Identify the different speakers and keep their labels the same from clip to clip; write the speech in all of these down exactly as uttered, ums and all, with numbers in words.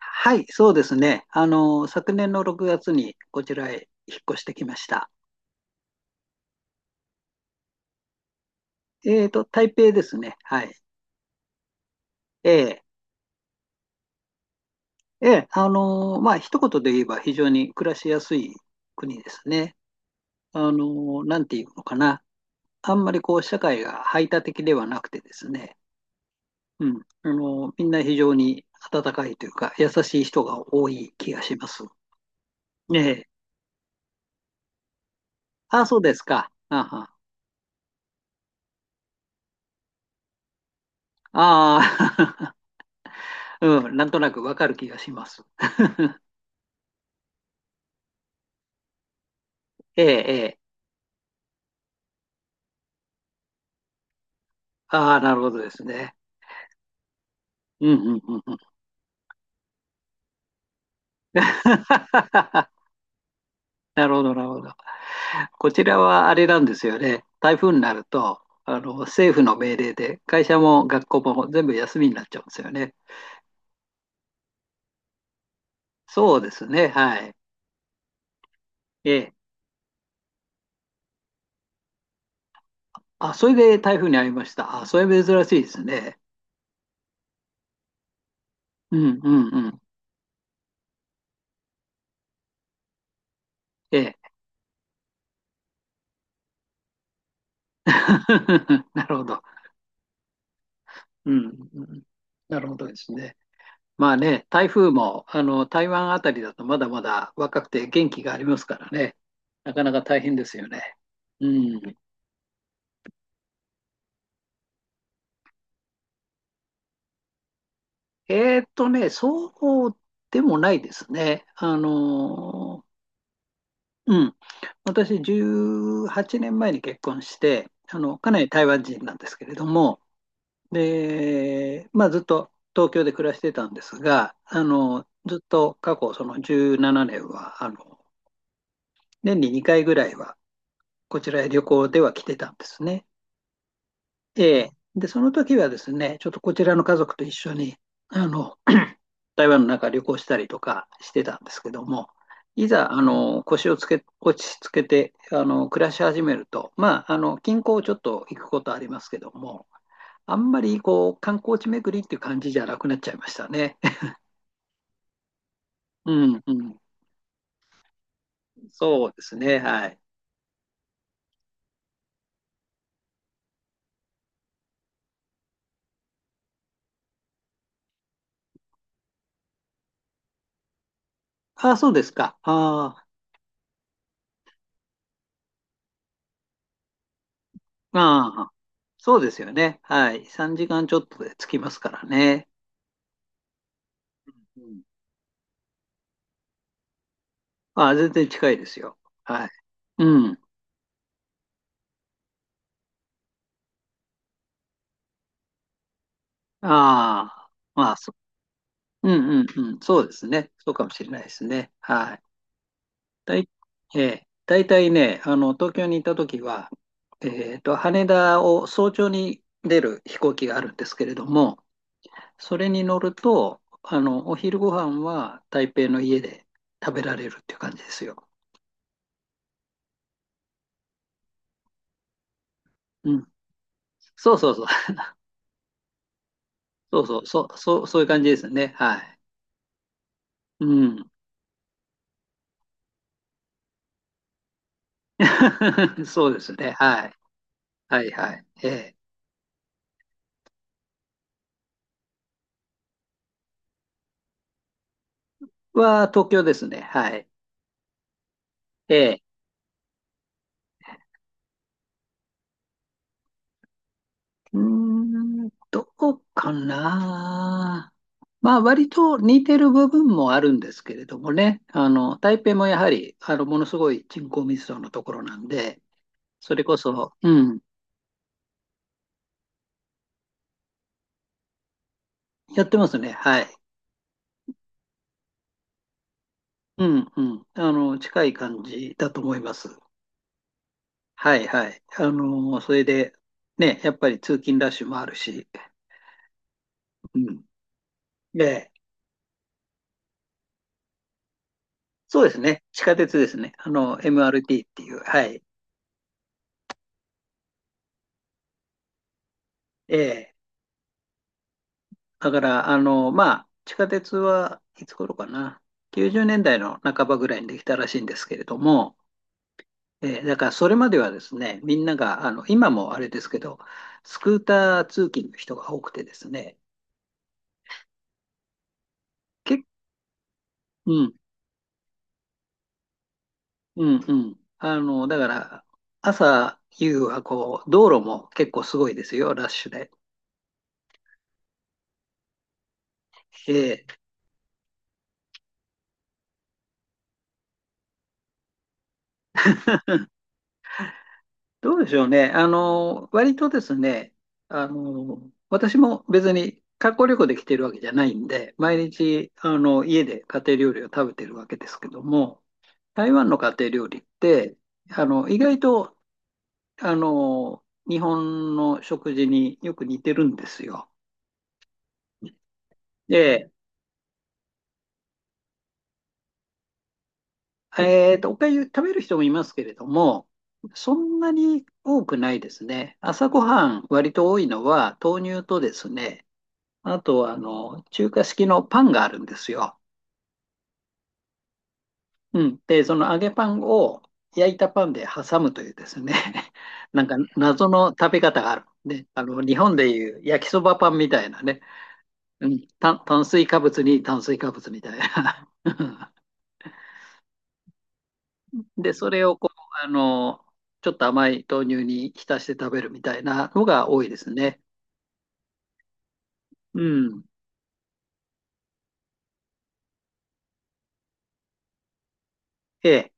Speaker 1: はい、そうですね。あの、昨年のろくがつにこちらへ引っ越してきました。えっと、台北ですね。はい。ええ、ええ、あの、まあ、一言で言えば非常に暮らしやすい国ですね。あの、なんていうのかな。あんまりこう、社会が排他的ではなくてですね。うん。あの、みんな非常に温かいというか、優しい人が多い気がします。ええ。あ、そうですか。あはああー、うん、なんとなくわかる気がします。ええ、ええ。ああ、なるほどですね。うん、うん、うん。うん。 なるほど、なるほど。こちらはあれなんですよね。台風になると、あの、政府の命令で、会社も学校も全部休みになっちゃうんですよね。そうですね、はい。ええ。あ、それで台風に遭いました。あ、それ珍しいですね。うん、うん、うん。ええ。なるほど。うん、うん。なるほどですね。まあね、台風もあの台湾あたりだとまだまだ若くて元気がありますからね、なかなか大変ですよね。うん。えーっとね、そうでもないですね。あの、うん。私、じゅうはちねんまえに結婚して、あの、かなり台湾人なんですけれども、で、まあ、ずっと東京で暮らしてたんですが、あの、ずっと過去、そのじゅうしちねんは、あの、年ににかいぐらいは、こちらへ旅行では来てたんですね。えーで、その時はですね、ちょっとこちらの家族と一緒に、あの、台湾の中旅行したりとかしてたんですけども、いざ、あの、腰をつけ、落ち着けて、あの、暮らし始めると、まあ、あの、近郊をちょっと行くことありますけども、あんまり、こう、観光地巡りっていう感じじゃなくなっちゃいましたね。うんうん。そうですね。はい。ああ、そうですか。ああ、ああ、そうですよね。はい。さんじかんちょっとで着きますからね。うん。あ、全然近いですよ。はい。うん。ああ、まあ、そ、うんうんうん。そうですね。そうかもしれないですね。はい。だい、ええ、大体ね、あの、東京にいた時は、えっと、羽田を早朝に出る飛行機があるんですけれども、それに乗ると、あの、お昼ご飯は台北の家で食べられるっていう感じですよ。うん。そうそうそう。そうそう、そう、そう、そういう感じですね。はい。うん。そうですね。はい。はいはい。ええ。は、東京ですね。はい。ええ。うーん、どこかな。まあ、割と似てる部分もあるんですけれどもね。あの、台北もやはり、あの、ものすごい人口密度のところなんで、それこそ、うん、やってますね。はい。うん、うん。あの、近い感じだと思います。はい、はい。あの、それで、ね、やっぱり通勤ラッシュもあるし、うん。ええ、そうですね。地下鉄ですね。あの、エムアールティー っていう。はい。ええ。だから、あの、まあ、地下鉄はいつ頃かな。きゅうじゅうねんだいの半ばぐらいにできたらしいんですけれども、ええ、だからそれまではですね、みんなが、あの、今もあれですけど、スクーター通勤の人が多くてですね、結構、うん、うん、うん。あの、だから、朝、夕はこう、道路も結構すごいですよ、ラッシュで。えどうでしょうね。あの、割とですね、あの、私も別に観光旅行で来てるわけじゃないんで、毎日、あの、家で家庭料理を食べてるわけですけども、台湾の家庭料理って、あの、意外と、あの、日本の食事によく似てるんですよ。で、えっと、おかゆ食べる人もいますけれども、そんなに多くないですね。朝ごはん割と多いのは豆乳とですね、あとは、あの、中華式のパンがあるんですよ。うん。で、その揚げパンを焼いたパンで挟むというですね、なんか謎の食べ方がある。で、あの、日本でいう焼きそばパンみたいなね、うん、炭炭水化物に炭水化物みたいな。で、それをこう、あの、ちょっと甘い豆乳に浸して食べるみたいなのが多いですね。うん。ええ。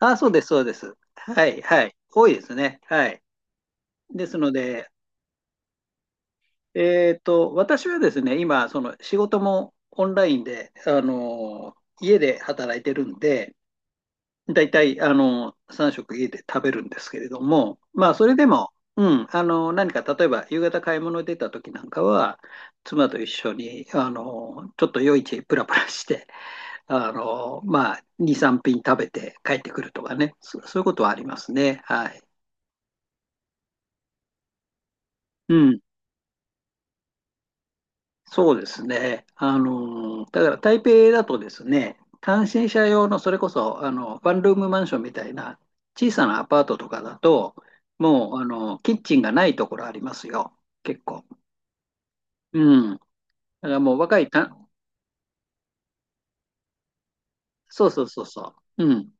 Speaker 1: あ、そうです、そうです。はい、はい。多いですね。はい。ですので、えっと、私はですね、今、その仕事もオンラインで、あの、家で働いてるんで、だいたい、あの、さん食家で食べるんですけれども、まあ、それでも、うん、あの、何か、例えば、夕方買い物に出た時なんかは、妻と一緒に、あの、ちょっと夜市プラプラして、あの、まあ、に、さん品食べて帰ってくるとかね、そそういうことはありますね。はい。うん。そうですね。あの、だから台北だとですね、単身者用のそれこそ、あの、ワンルームマンションみたいな小さなアパートとかだと、もう、あの、キッチンがないところありますよ。結構。うん。だからもう若いた、そうそうそうそう。うん。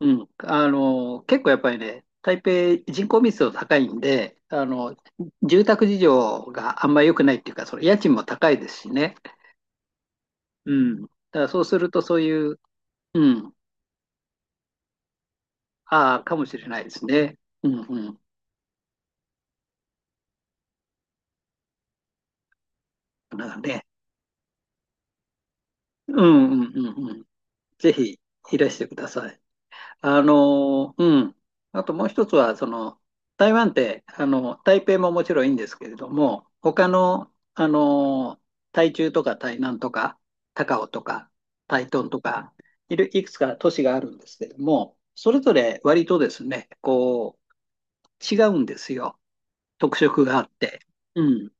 Speaker 1: うん。あの、結構やっぱりね、台北人口密度高いんで、あの、住宅事情があんまり良くないっていうか、その家賃も高いですしね。うん。だからそうするとそういう、うん、ああ、かもしれないですね。うんうん。だからね。うんうんうんうん。ぜひいらしてください。あの、うん。あともう一つは、その、台湾って、あの、台北ももちろんいいんですけれども、他の、あの、台中とか台南とか、高雄とか、台東とか、いる、いくつか都市があるんですけれども、それぞれ割とですね、こう、違うんですよ。特色があって。うん。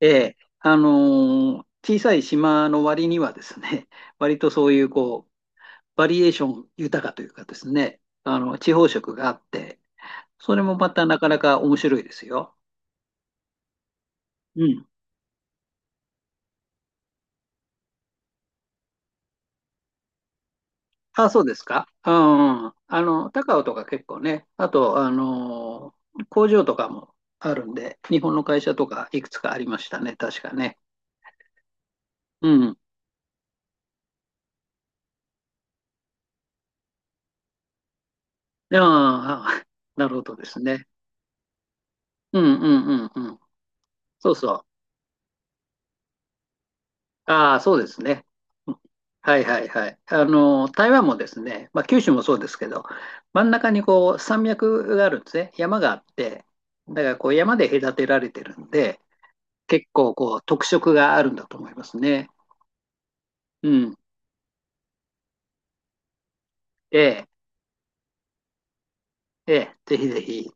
Speaker 1: ええ、あのー小さい島の割にはですね、割とそういうこう、バリエーション豊かというかですね、あの、地方色があって、それもまたなかなか面白いですよ。うん。あ、そうですか。うん、うん。あの、高尾とか結構ね、あと、あのー工場とかもあるんで、日本の会社とかいくつかありましたね、確かね。うん。ああ、なるほどですね。うんうんうんうん。そうそう。ああ、そうですね。はいはいはい。あの、台湾もですね、まあ、九州もそうですけど、真ん中にこう山脈があるんですね。山があって、だからこう山で隔てられてるんで、結構こう特色があるんだと思いますね。うん。ええ、ええ、ぜひぜひ。